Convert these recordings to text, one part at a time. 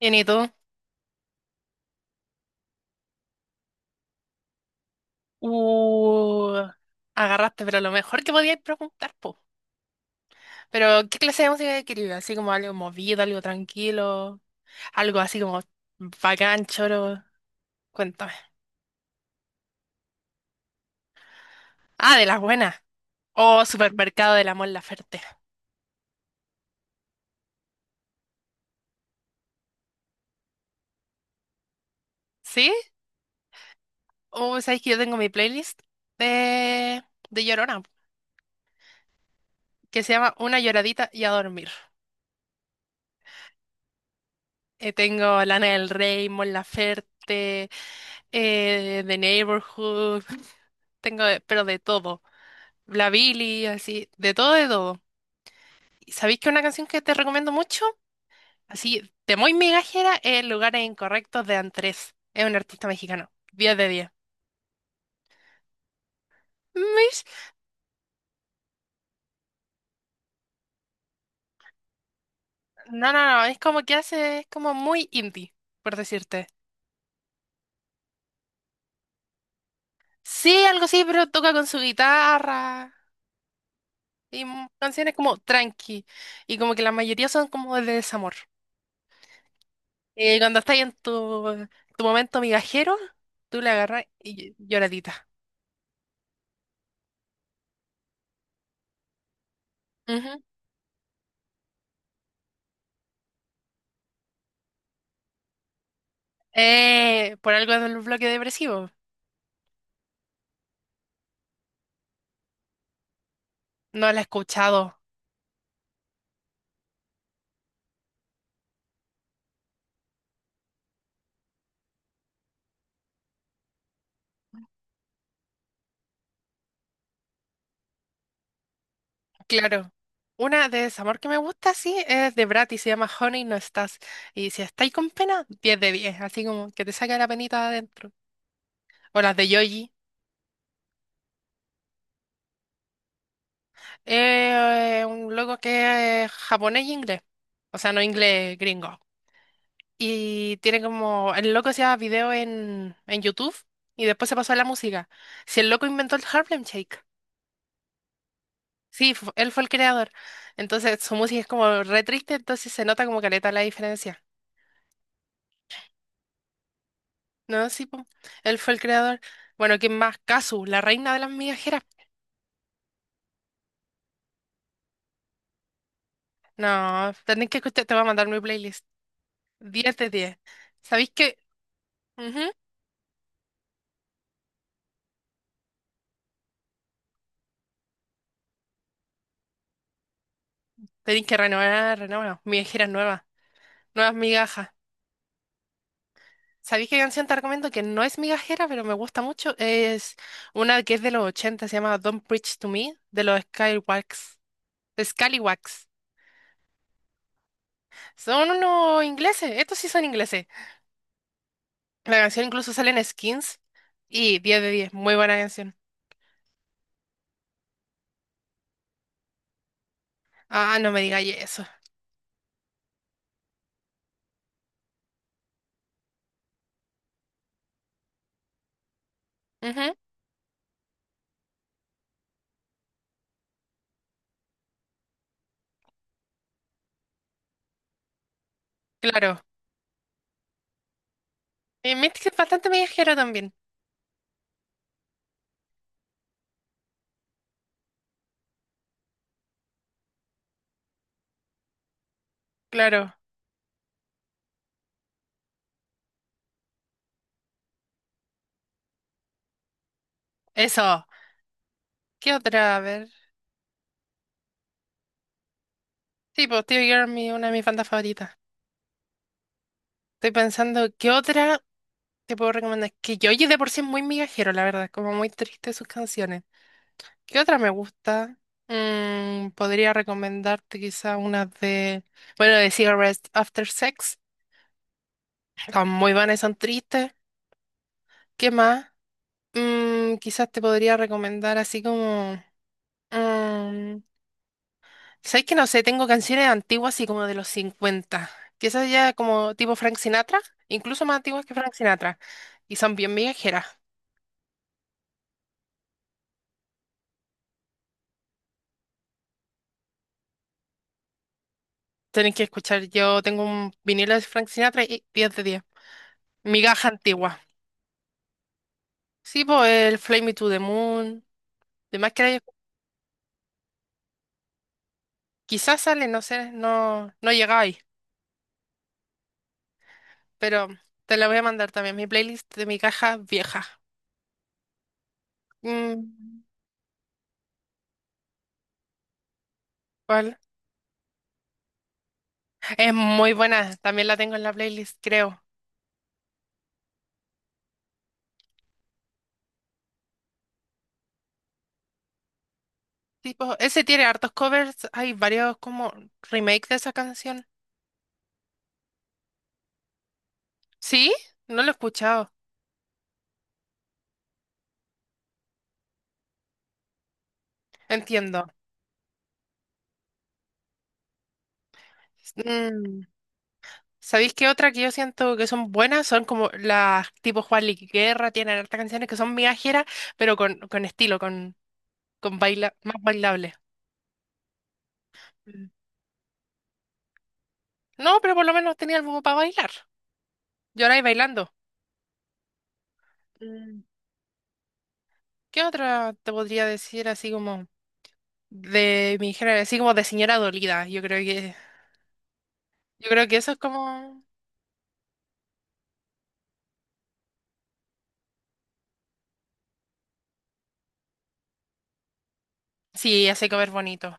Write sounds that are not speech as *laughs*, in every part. Bien, ¿y tú? Uh, Agarraste, pero lo mejor que podías preguntar, po. Pero, ¿qué clase de música querías? Así como algo movido, algo tranquilo, algo así como bacán, choro. Cuéntame. Ah, de las buenas. Oh, Supermercado del Amor Laferte. ¿Sí? Oh, ¿sabes que yo tengo mi playlist de, de Llorona? Que se llama Una lloradita y a dormir. Tengo Lana del Rey, Mon Laferte, The Neighborhood. *laughs* Pero de todo. La Billy, así, de todo, de todo. ¿Sabéis que una canción que te recomiendo mucho? Así, de muy migajera, es Lugares Incorrectos de Andrés. Es un artista mexicano. 10 de 10. Mis- No, no, no, es como que hace, es como muy indie, por decirte. Sí, algo así, pero toca con su guitarra y canciones como tranqui. Y como que la mayoría son como de desamor. Y cuando estás en tu momento migajero, tú le agarras y lloradita. Por algo en un bloque depresivo. No la he escuchado, claro. Una de desamor que me gusta, sí, es de Brat y se llama Honey, no estás. Y si estáis con pena, 10 de 10 así como que te saca la penita de adentro. O las de Yoji. Un loco que es japonés y inglés. O sea, no inglés gringo. Y tiene como. El loco hacía video en YouTube y después se pasó a la música. Si el loco inventó el Harlem Shake. Sí, él fue el creador. Entonces su música es como re triste, entonces se nota como caleta la diferencia. No, sí, po. Él fue el creador. Bueno, ¿quién más? Kazu, la reina de las migajeras. No, tenés que escuchar, te voy a mandar mi playlist. 10 de 10. ¿Sabéis que? Ujú. Tenéis que renovar, renovar. Migajeras nuevas, nuevas migajas. ¿Sabéis qué canción te recomiendo que no es migajera, pero me gusta mucho? Es una que es de los 80. Se llama Don't Preach to Me, de los Skywalks. Scallywags. Son unos ingleses, estos sí son ingleses. La canción incluso sale en Skins y 10 de 10 muy buena canción. Ah, no me digáis eso. Ujú, claro. Y Mystic es bastante viajero también, claro. Eso. ¿Qué otra? A ver. Sí, pues Tear Girl, una de mis bandas favoritas. Estoy pensando, ¿qué otra te puedo recomendar? Que yo oye de por sí es muy migajero, la verdad, como muy triste sus canciones. ¿Qué otra me gusta? Podría recomendarte quizá una bueno, de Cigarettes After Sex. Muy vanas son tristes. ¿Qué más? Mm, quizás te podría recomendar así como... mm, ¿sabes que no sé? Tengo canciones antiguas así como de los 50. Quizás ya como tipo Frank Sinatra, incluso más antiguas que Frank Sinatra. Y son bien migajeras. Tenés que escuchar, yo tengo un vinilo de Frank Sinatra y 10 de 10. Migaja antigua. Sí, pues el Fly Me to the Moon. Demás que hay- quizás sale, no sé, no, no llega ahí. Pero te la voy a mandar también, mi playlist de mi caja vieja. Mm, ¿cuál? Es muy buena, también la tengo en la playlist, creo. Tipo, ese tiene hartos covers, hay varios como remake de esa canción. ¿Sí? No lo he escuchado, entiendo. Mm, ¿sabéis qué otra que yo siento que son buenas? Son como las tipo Juan Guerra, tienen hartas canciones que son viajeras, pero con estilo, con baila, más bailable. Mm. No, pero por lo menos tenía algo para bailar. Yo lloráis bailando. Mm. ¿Qué otra te podría decir así como... de mi género, así como de señora dolida. Yo creo que eso es como, sí, hace comer bonito.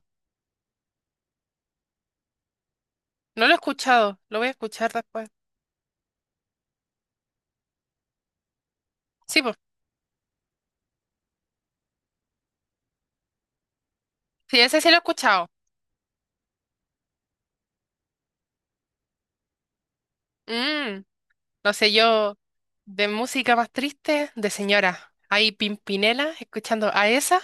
No lo he escuchado, lo voy a escuchar después. Sí, pues, sí, ese sí lo he escuchado. Mm, no sé, yo de música más triste, de señora. Hay Pimpinela escuchando a esa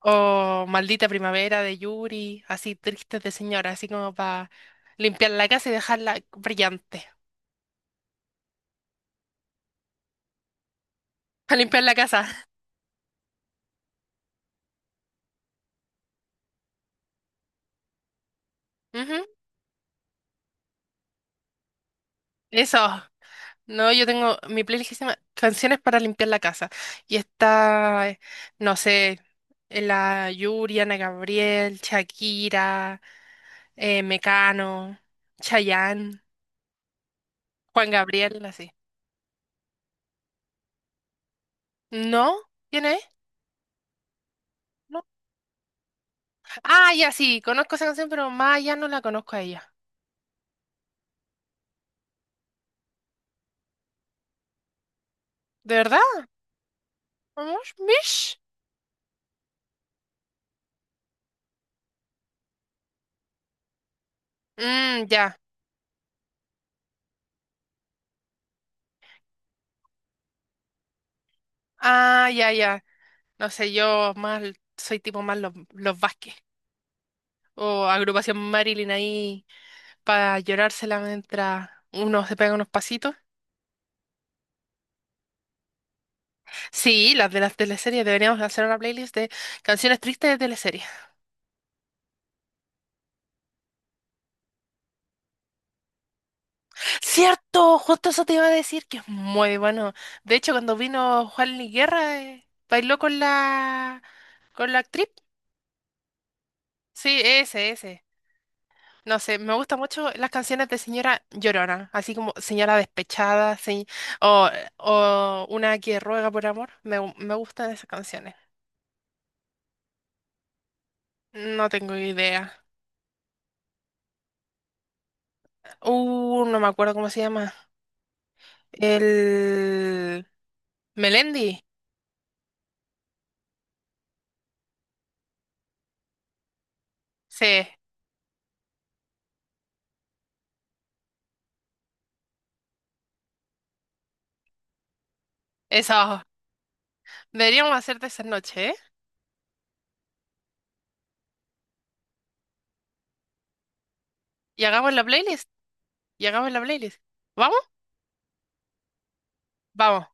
o Maldita Primavera de Yuri, así tristes de señora, así como para limpiar la casa y dejarla brillante. *laughs* A limpiar la casa. Ujú, eso. No, yo tengo mi playlist que se llama Canciones para limpiar la casa. Y está, no sé, la Yuri, Ana Gabriel, Shakira, Mecano, Chayanne, Juan Gabriel, así. ¿No? ¿Quién es? ¿No? Ah, ya sí, conozco esa canción, pero más allá no la conozco a ella. ¿De verdad? ¿Vamos? ¿Mish? Mm, ya. Ah, ya, ya. No sé, yo más soy tipo más los Vázquez o agrupación Marilyn ahí, para llorársela mientras uno se pega unos pasitos. Sí, las de las teleseries, deberíamos hacer una playlist de canciones tristes de teleseries. ¡Cierto! Justo eso te iba a decir, que es muy bueno. De hecho, cuando vino Juan Luis Guerra, bailó con la actriz. Sí, ese, ese. No sé, me gustan mucho las canciones de señora Llorona, así como señora despechada, sí, o, o una que ruega por amor. Me gustan esas canciones. No tengo idea. No me acuerdo cómo se llama. El... Melendi. Sí, eso. Deberíamos hacerte esa noche, ¿eh? Y hagamos la playlist. Y hagamos la playlist. ¿Vamos? Vamos.